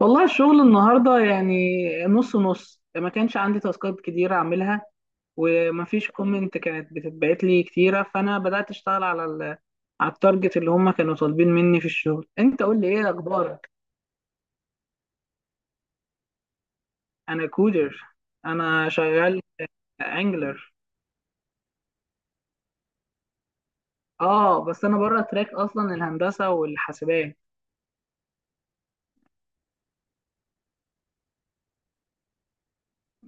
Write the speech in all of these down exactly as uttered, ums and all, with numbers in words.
والله الشغل النهارده، يعني نص نص. ما كانش عندي تاسكات كتير اعملها، ومفيش كومنت كانت بتتبعت لي كتيره، فانا بدات اشتغل على ال... على التارجت اللي هم كانوا طالبين مني في الشغل. انت قول لي ايه اخبارك؟ انا كودر، انا شغال انجلر. اه بس انا بره تراك اصلا، الهندسه والحاسبات.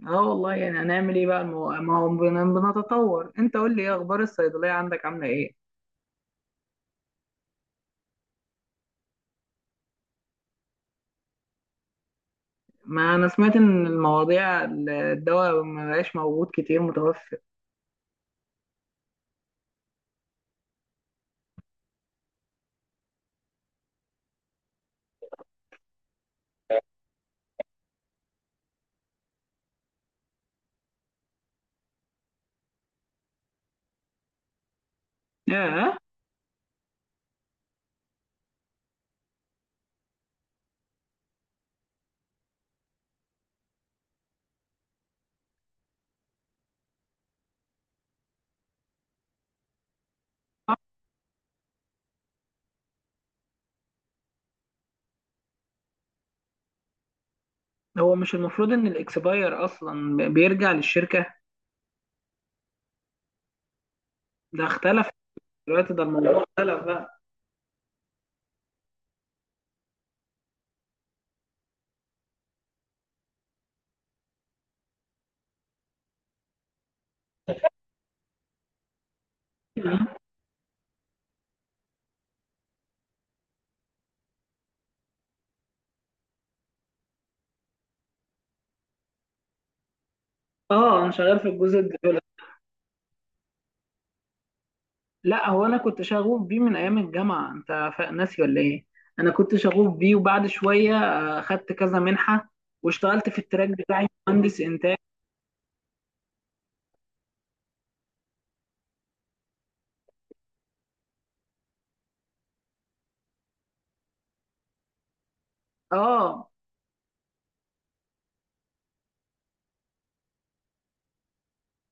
اه والله، يعني هنعمل ايه بقى؟ المو... ما هو بن- بنتطور انت قول لي ايه اخبار الصيدليه عندك، عامله ايه؟ ما انا سمعت ان المواضيع، الدواء ما بقاش موجود كتير متوفر. ياه. هو مش المفروض ان الاكسباير اصلا بيرجع للشركه؟ ده اختلف، دلوقتي ده الموضوع اختلف بقى. اه، انا شغال في الجزء الديفلوب. لا، هو انا كنت شغوف بيه من ايام الجامعه، انت فا- ناسي ولا ايه؟ انا كنت شغوف بيه، وبعد شويه آه، خدت كذا منحه، واشتغلت في التراك بتاعي، مهندس انتاج. اه،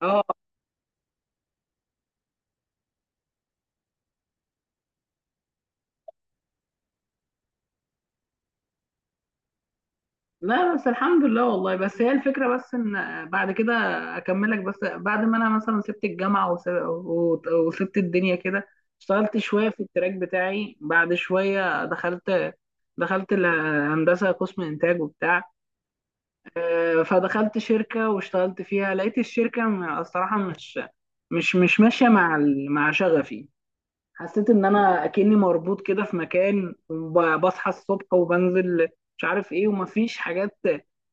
اه. لا بس الحمد لله والله. بس هي الفكرة، بس ان بعد كده اكملك. بس بعد ما انا مثلا سبت الجامعة وس- و- وسبت الدنيا كده، اشتغلت شوية في التراك بتاعي، بعد شوية دخلت دخلت الهندسة، قسم انتاج وبتاع. آه، فدخلت شركة واشتغلت فيها، لقيت الشركة م- الصراحة مش مش مش ماشية مع ال- مع شغفي. حسيت ان انا اكني مربوط كده في مكان، وبصحى الصبح وبنزل، مش عارف ايه، ومفيش حاجات،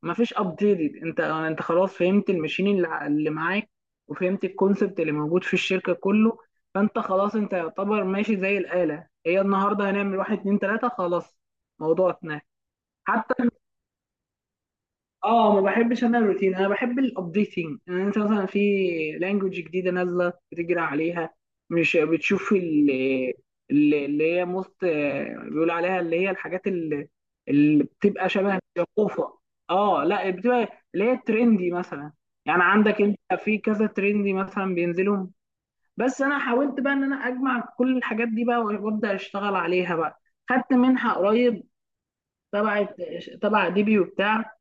مفيش ابديت. انت انت خلاص فهمت المشين اللي ع- اللي معاك، وفهمت الكونسبت اللي موجود في الشركة كله. فانت خلاص، انت يعتبر ماشي زي الآلة. هي النهارده هنعمل واحد، اتنين، تلاتة، خلاص. موضوع اتنين. اه، ما بحبش انا الروتين، انا بحب الابديتنج. يعني انت مثلا في لانجوج جديده نازله بتجري عليها، مش بتشوف ال- ال- اللي هي موست، بيقول عليها اللي هي الحاجات اللي, اللي بتبقى شبه الجفوفه. اه لا، بتبقى اللي هي الترندي مثلا. يعني عندك انت في كذا ترندي مثلا بينزلهم. بس انا حاولت بقى ان انا اجمع كل الحاجات دي بقى وابدا اشتغل عليها بقى، خدت منحه قريب تبع تبع ديبي وبتاع،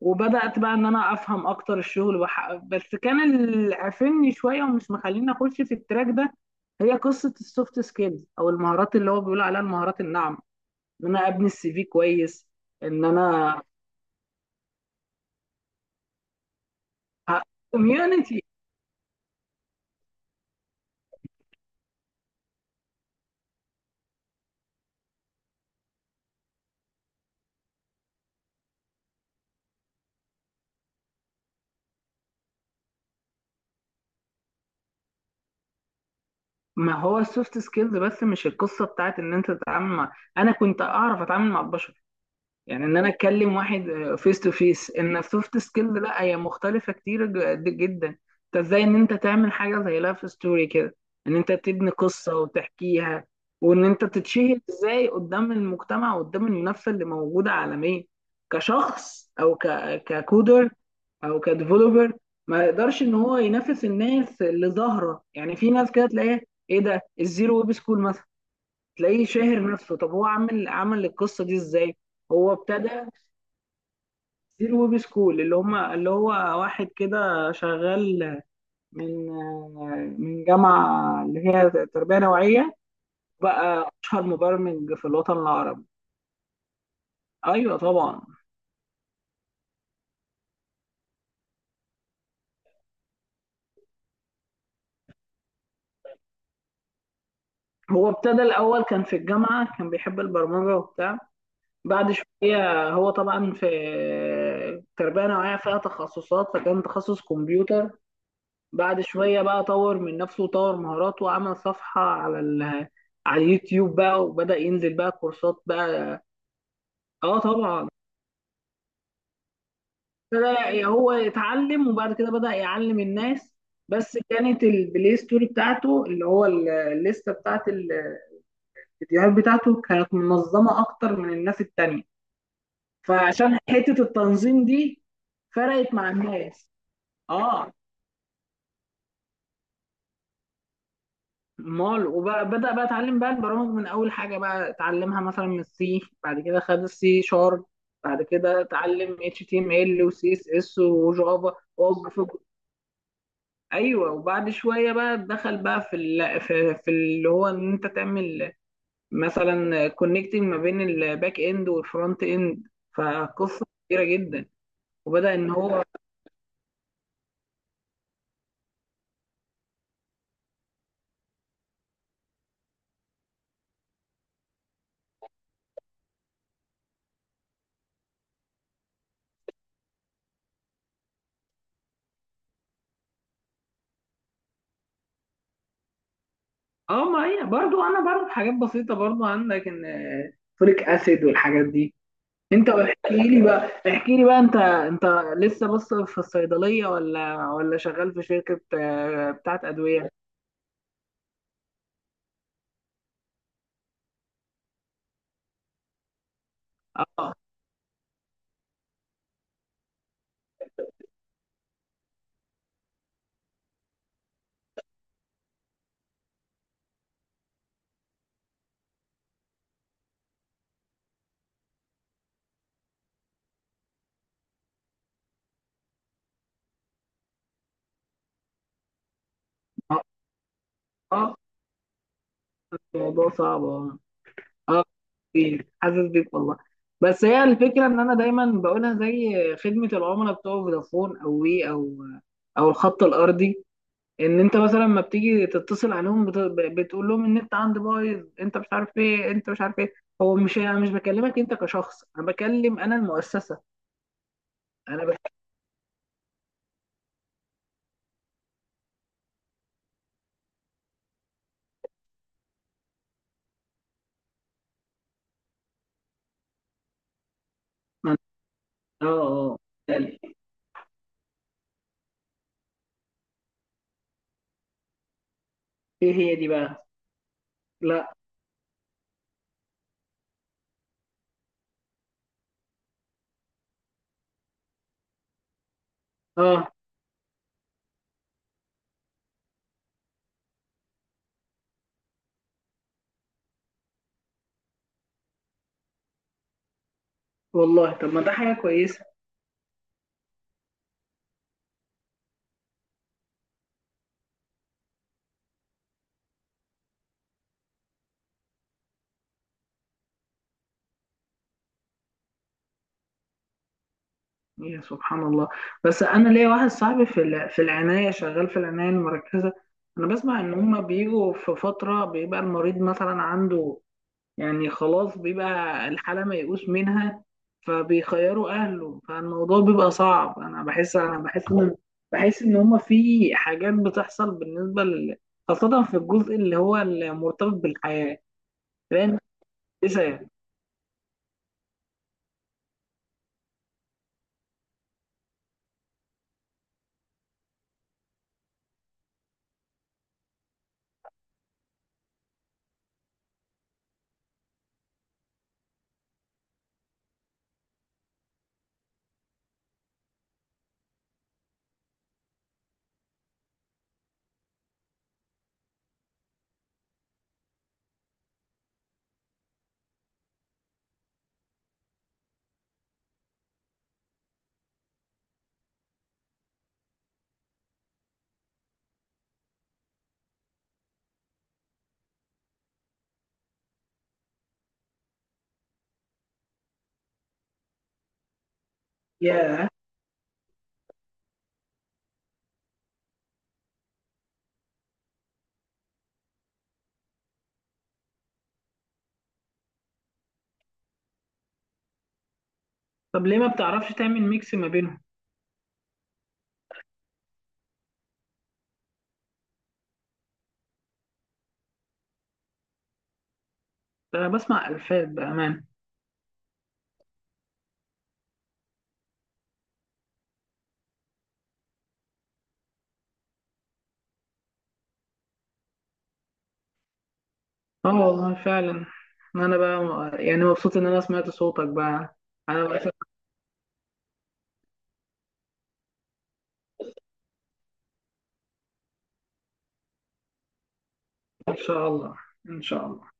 وبدأت بقى ان انا افهم اكتر الشغل وح... بس كان اللي قافلني شويه ومش مخليني اخش في التراك ده، هي قصه السوفت سكيلز او المهارات اللي هو بيقول عليها المهارات الناعمه، ان انا ابني السي في كويس. ان انا كوميونتي. ما هو السوفت سكيلز، بس مش القصه بتاعت ان انت تتعامل مع، انا كنت اعرف اتعامل مع البشر. يعني ان انا اتكلم واحد فيس تو فيس، ان السوفت سكيل، لا، هي مختلفه كتير ج- جدا انت ازاي ان انت تعمل حاجه زي لايف ستوري كده، ان انت تبني قصه وتحكيها، وان انت تتشهر ازاي قدام المجتمع وقدام المنافسه اللي موجوده عالميا، كشخص او ك... ككودر او كديفلوبر. ما يقدرش ان هو ينافس الناس اللي ظاهره. يعني في ناس كده تلاقيها، ايه ده الزيرو ويب سكول مثلا، تلاقيه شاهر نفسه. طب هو عامل، عمل القصه دي ازاي؟ هو ابتدى، دي الويب سكول اللي هم اللي هو واحد كده شغال من من جامعة اللي هي تربية نوعية، بقى أشهر مبرمج في الوطن العربي. أيوة طبعا. هو ابتدى الأول، كان في الجامعة، كان بيحب البرمجة وبتاع. بعد شوية هو طبعا في تربية نوعية فيها تخصصات، فكان تخصص كمبيوتر. بعد شوية بقى طور من نفسه وطور مهاراته، وعمل صفحة على ال على اليوتيوب بقى، وبدأ ينزل بقى كورسات بقى. اه طبعا. بدأ ي- هو يتعلم، وبعد كده بدأ يعلم الناس. بس كانت البلاي ستوري بتاعته، اللي هو ال- الليستة بتاعت الفيديوهات بتاعته كانت منظمة أكتر من الناس التانية، فعشان حتة التنظيم دي فرقت مع الناس. اه مال. وبدأ بقى اتعلم بقى البرامج، من اول حاجة بقى اتعلمها مثلا من السي، بعد كده خد السي شارب، بعد كده اتعلم اتش تي ام ال وسي اس اس وجافا. ايوه، وبعد شويه بقى دخل بقى في ال... في, في اللي هو ان انت تعمل مثلا كونكتنج ما بين الباك اند والفرونت اند، فقصه كبيره جدا. وبدا ان هو. اه ما هي برضو، انا بعرف حاجات بسيطه برضو عندك، ان فوليك اسيد والحاجات دي. انت احكي لي بقى احكي لي بقى انت انت لسه بس في الصيدليه، ولا ولا شغال في شركه آه، بتاعت ادويه؟ اه، اه. آه، الموضوع صعب، اه. آه، بيك، حاسس بيك والله. بس هي الفكره ان انا دايما بقولها، زي خدمه العملاء بتوع فودافون او وي او او الخط الارضي، ان انت مثلا لما بتيجي تتصل عليهم بت- بتقول لهم النت عندي بايظ، انت مش عارف ايه، انت مش عارف ايه. هو مش، انا مش بكلمك انت كشخص، انا بكلم، انا المؤسسه. انا بكلم. اه، اه. آه. يعني، ايه هي دي بقى؟ لا، اه والله، طب ما ده حاجه كويسه. يا سبحان الله. بس انا ليا واحد صاحبي في ال- في العنايه، شغال في العنايه المركزه. انا بسمع ان هما بيجوا في فتره بيبقى المريض مثلا عنده، يعني خلاص بيبقى الحاله ميؤوس منها، فبيخيروا اهله، فالموضوع بيبقى صعب. انا بحس انا بحس ان بحس ان هما في حاجات بتحصل بالنسبه لل... خاصه في الجزء اللي هو المرتبط بالحياه. لان لسه. يا طب ليه ما بتعرفش تعمل ميكس ما بينهم؟ ده انا بسمع الفاظ بامان. اه والله فعلا. انا بقى يعني مبسوط ان انا سمعت صوتك بقى. على وقتك. ان شاء الله. ان شاء الله.